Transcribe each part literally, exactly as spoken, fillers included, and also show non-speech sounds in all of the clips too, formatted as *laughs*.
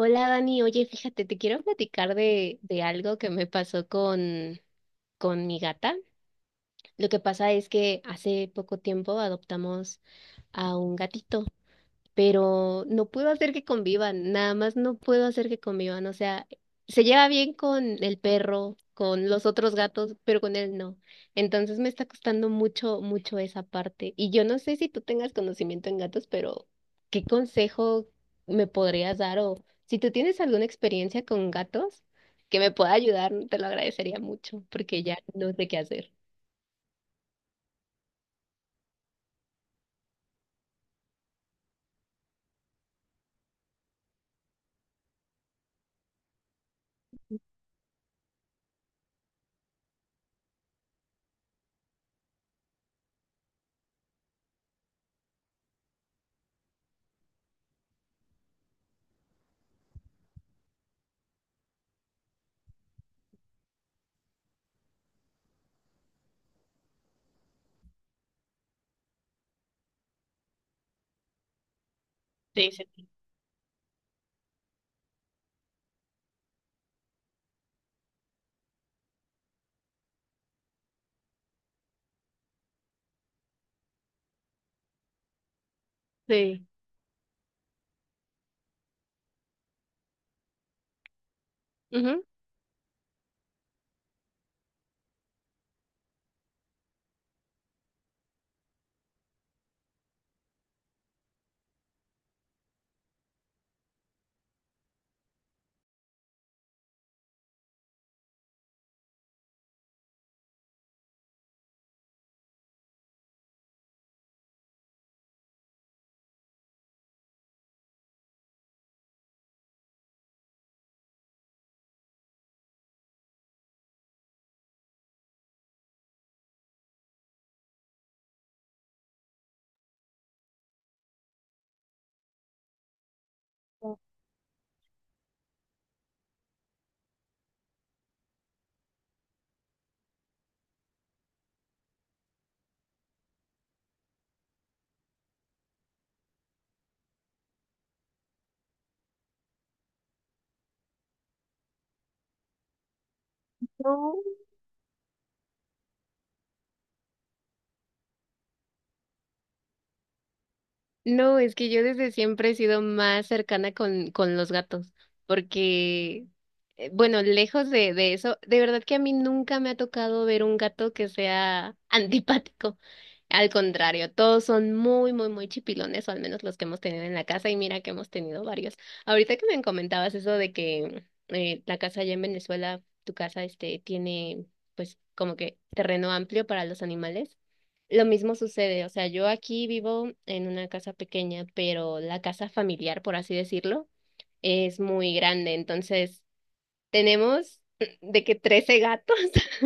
Hola Dani, oye, fíjate, te quiero platicar de, de algo que me pasó con, con mi gata. Lo que pasa es que hace poco tiempo adoptamos a un gatito, pero no puedo hacer que convivan, nada más no puedo hacer que convivan, o sea, se lleva bien con el perro, con los otros gatos, pero con él no. Entonces me está costando mucho, mucho esa parte. Y yo no sé si tú tengas conocimiento en gatos, pero ¿qué consejo me podrías dar? O si tú tienes alguna experiencia con gatos que me pueda ayudar, te lo agradecería mucho, porque ya no sé qué hacer. Sí, sí. Sí. Ujú. No. No, es que yo desde siempre he sido más cercana con, con los gatos, porque, eh, bueno, lejos de, de eso, de verdad que a mí nunca me ha tocado ver un gato que sea *laughs* antipático. Al contrario, todos son muy, muy, muy chipilones, o al menos los que hemos tenido en la casa, y mira que hemos tenido varios. Ahorita que me comentabas eso de que eh, la casa allá en Venezuela, tu casa, este, tiene, pues, como que terreno amplio para los animales. Lo mismo sucede, o sea, yo aquí vivo en una casa pequeña, pero la casa familiar, por así decirlo, es muy grande, entonces tenemos de que trece gatos *laughs*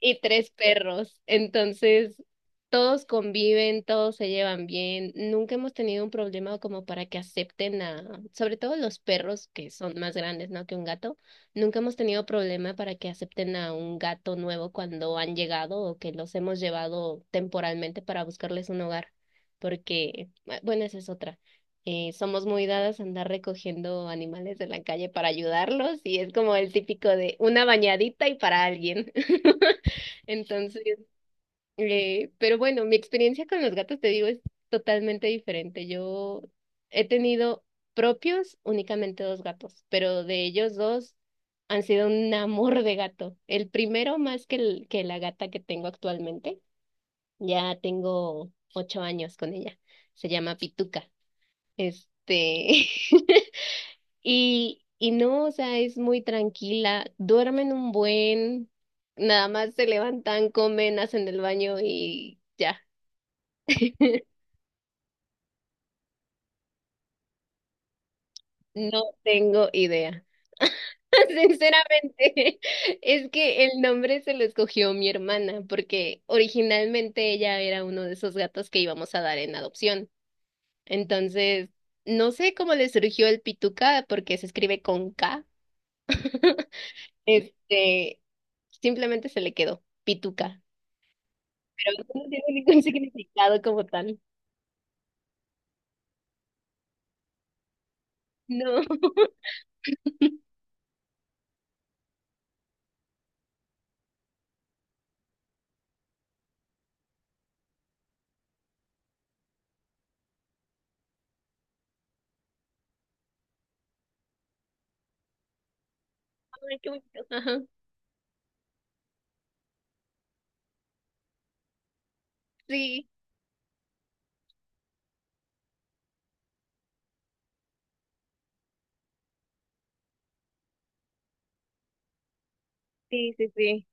y tres perros. Entonces, todos conviven, todos se llevan bien. Nunca hemos tenido un problema como para que acepten a, sobre todo los perros que son más grandes, ¿no?, que un gato. Nunca hemos tenido problema para que acepten a un gato nuevo cuando han llegado o que los hemos llevado temporalmente para buscarles un hogar. Porque, ah, bueno, esa es otra. Eh, somos muy dadas a andar recogiendo animales de la calle para ayudarlos y es como el típico de una bañadita y para alguien. *laughs* Entonces, eh, pero bueno, mi experiencia con los gatos, te digo, es totalmente diferente. Yo he tenido propios únicamente dos gatos, pero de ellos dos han sido un amor de gato. El primero más que, el- que la gata que tengo actualmente. Ya tengo ocho años con ella. Se llama Pituca. Este, *laughs* Y, y no, o sea, es muy tranquila, duermen un buen, nada más se levantan, comen, hacen el baño y ya. *laughs* No tengo idea. *laughs* Sinceramente, *laughs* es que el nombre se lo escogió mi hermana, porque originalmente ella era uno de esos gatos que íbamos a dar en adopción. Entonces, no sé cómo le surgió el pituca, porque se escribe con K. *laughs* Este, Simplemente se le quedó pituca, pero eso no tiene ningún *laughs* significado como tal. No, *laughs* ay, qué bonito. Ajá, sí, sí, sí, sí.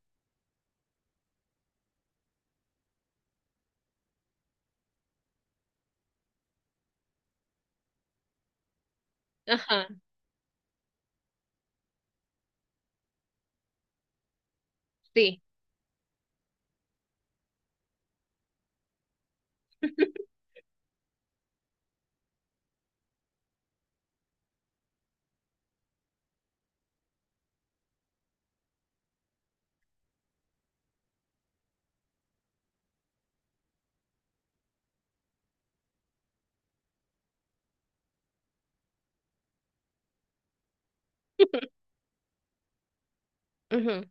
Ajá, sí. Ujú,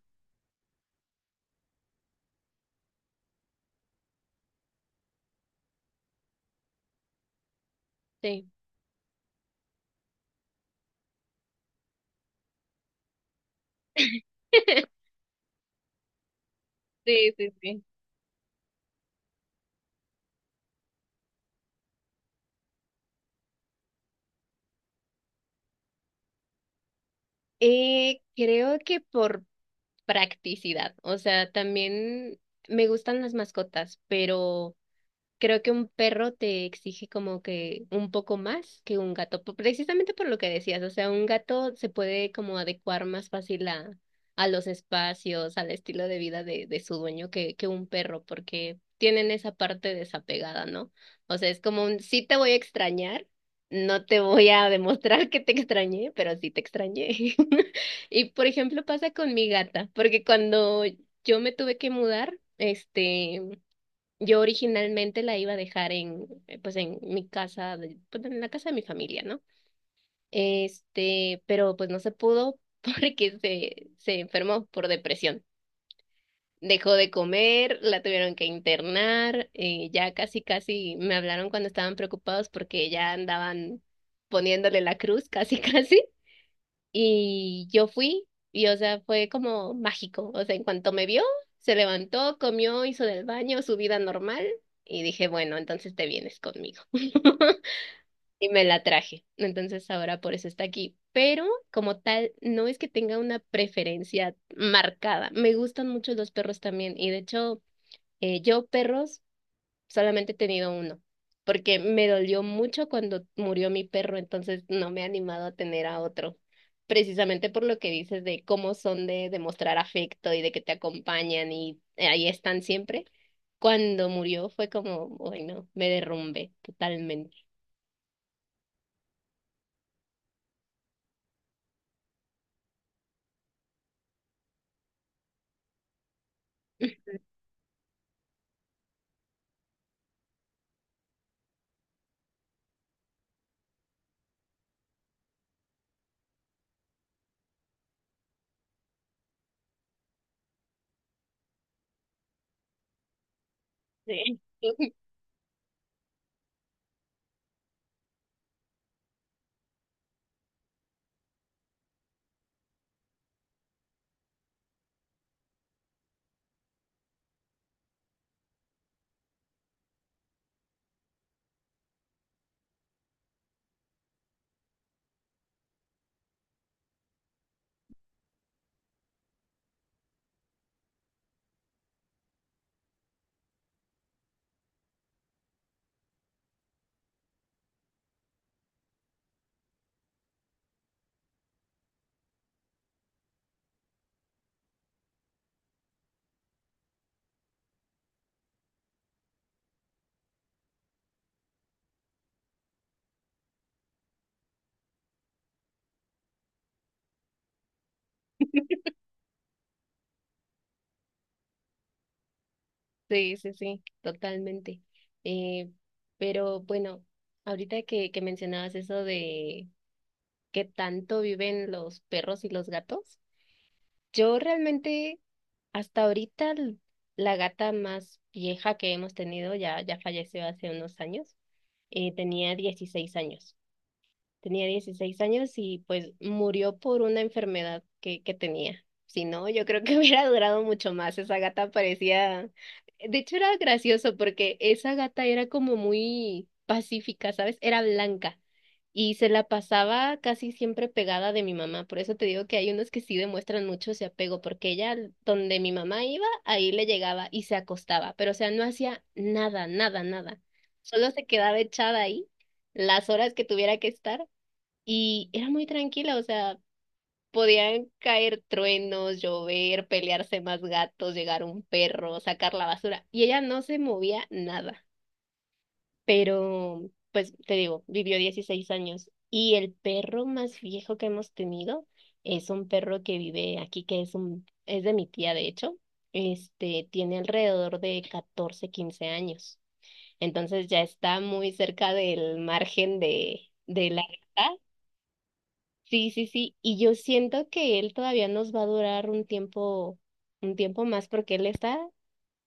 sí. *laughs* Sí, sí, sí. Eh, creo que por practicidad, o sea, también me gustan las mascotas, pero creo que un perro te exige como que un poco más que un gato, po- precisamente por lo que decías, o sea, un gato se puede como adecuar más fácil a, a los espacios, al estilo de vida de, de su dueño que, que un perro, porque tienen esa parte desapegada, ¿no? O sea, es como un sí te voy a extrañar, no te voy a demostrar que te extrañé, pero sí te extrañé. *laughs* Y por ejemplo pasa con mi gata, porque cuando yo me tuve que mudar, este... Yo originalmente la iba a dejar en, eh, pues en mi casa, de- pues en la casa de mi familia, ¿no? Este, pero pues no se pudo *laughs* porque se, se enfermó por depresión. Dejó de comer, la tuvieron que internar, eh, ya casi casi me hablaron cuando estaban preocupados porque ya andaban poniéndole la cruz, casi *laughs* casi. Y yo fui y, o sea, fue como mágico. O sea, en cuanto me vio, se levantó, comió, hizo del baño, su vida normal. Y dije, bueno, entonces te vienes conmigo. *laughs* Y me la traje. Entonces ahora por eso está aquí. Pero como tal, no es que tenga una preferencia marcada. Me gustan mucho los perros también. Y de hecho, eh, yo perros solamente he tenido uno, porque me dolió mucho cuando murió mi perro, entonces no me he animado a tener a otro. Precisamente por lo que dices de cómo son de demostrar afecto y de que te acompañan y eh, ahí están siempre. Cuando murió fue como, bueno, me derrumbé totalmente. *laughs* Sí. *laughs* Sí, sí, sí, totalmente. Eh, pero bueno, ahorita que, que mencionabas eso de qué tanto viven los perros y los gatos. Yo realmente, hasta ahorita, l- la gata más vieja que hemos tenido ya, ya falleció hace unos años. Eh, tenía dieciséis años. Tenía dieciséis años y pues murió por una enfermedad que, que tenía. Si no, yo creo que *laughs* hubiera durado mucho más. Esa gata parecía... De hecho, era gracioso porque esa gata era como muy pacífica, ¿sabes? Era blanca y se la pasaba casi siempre pegada de mi mamá. Por eso te digo que hay unos que sí demuestran mucho ese apego, porque ella, donde mi mamá iba, ahí le llegaba y se acostaba. Pero, o sea, no hacía nada, nada, nada. Solo se quedaba echada ahí las horas que tuviera que estar y era muy tranquila, o sea, podían caer truenos, llover, pelearse más gatos, llegar un perro, sacar la basura, y ella no se movía nada. Pero, pues te digo, vivió dieciséis años. Y el perro más viejo que hemos tenido es un perro que vive aquí, que es un, es de mi tía, de hecho. Este, tiene alrededor de catorce quince años. Entonces ya está muy cerca del margen de, de la edad. Sí, sí, sí, y yo siento que él todavía nos va a durar un tiempo, un tiempo más porque él está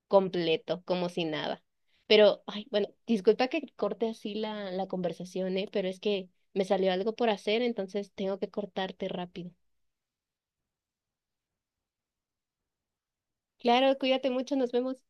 completo, como si nada. Pero, ay, bueno, disculpa que corte así la, la conversación, ¿eh? Pero es que me salió algo por hacer, entonces tengo que cortarte rápido. Claro, cuídate mucho, nos vemos.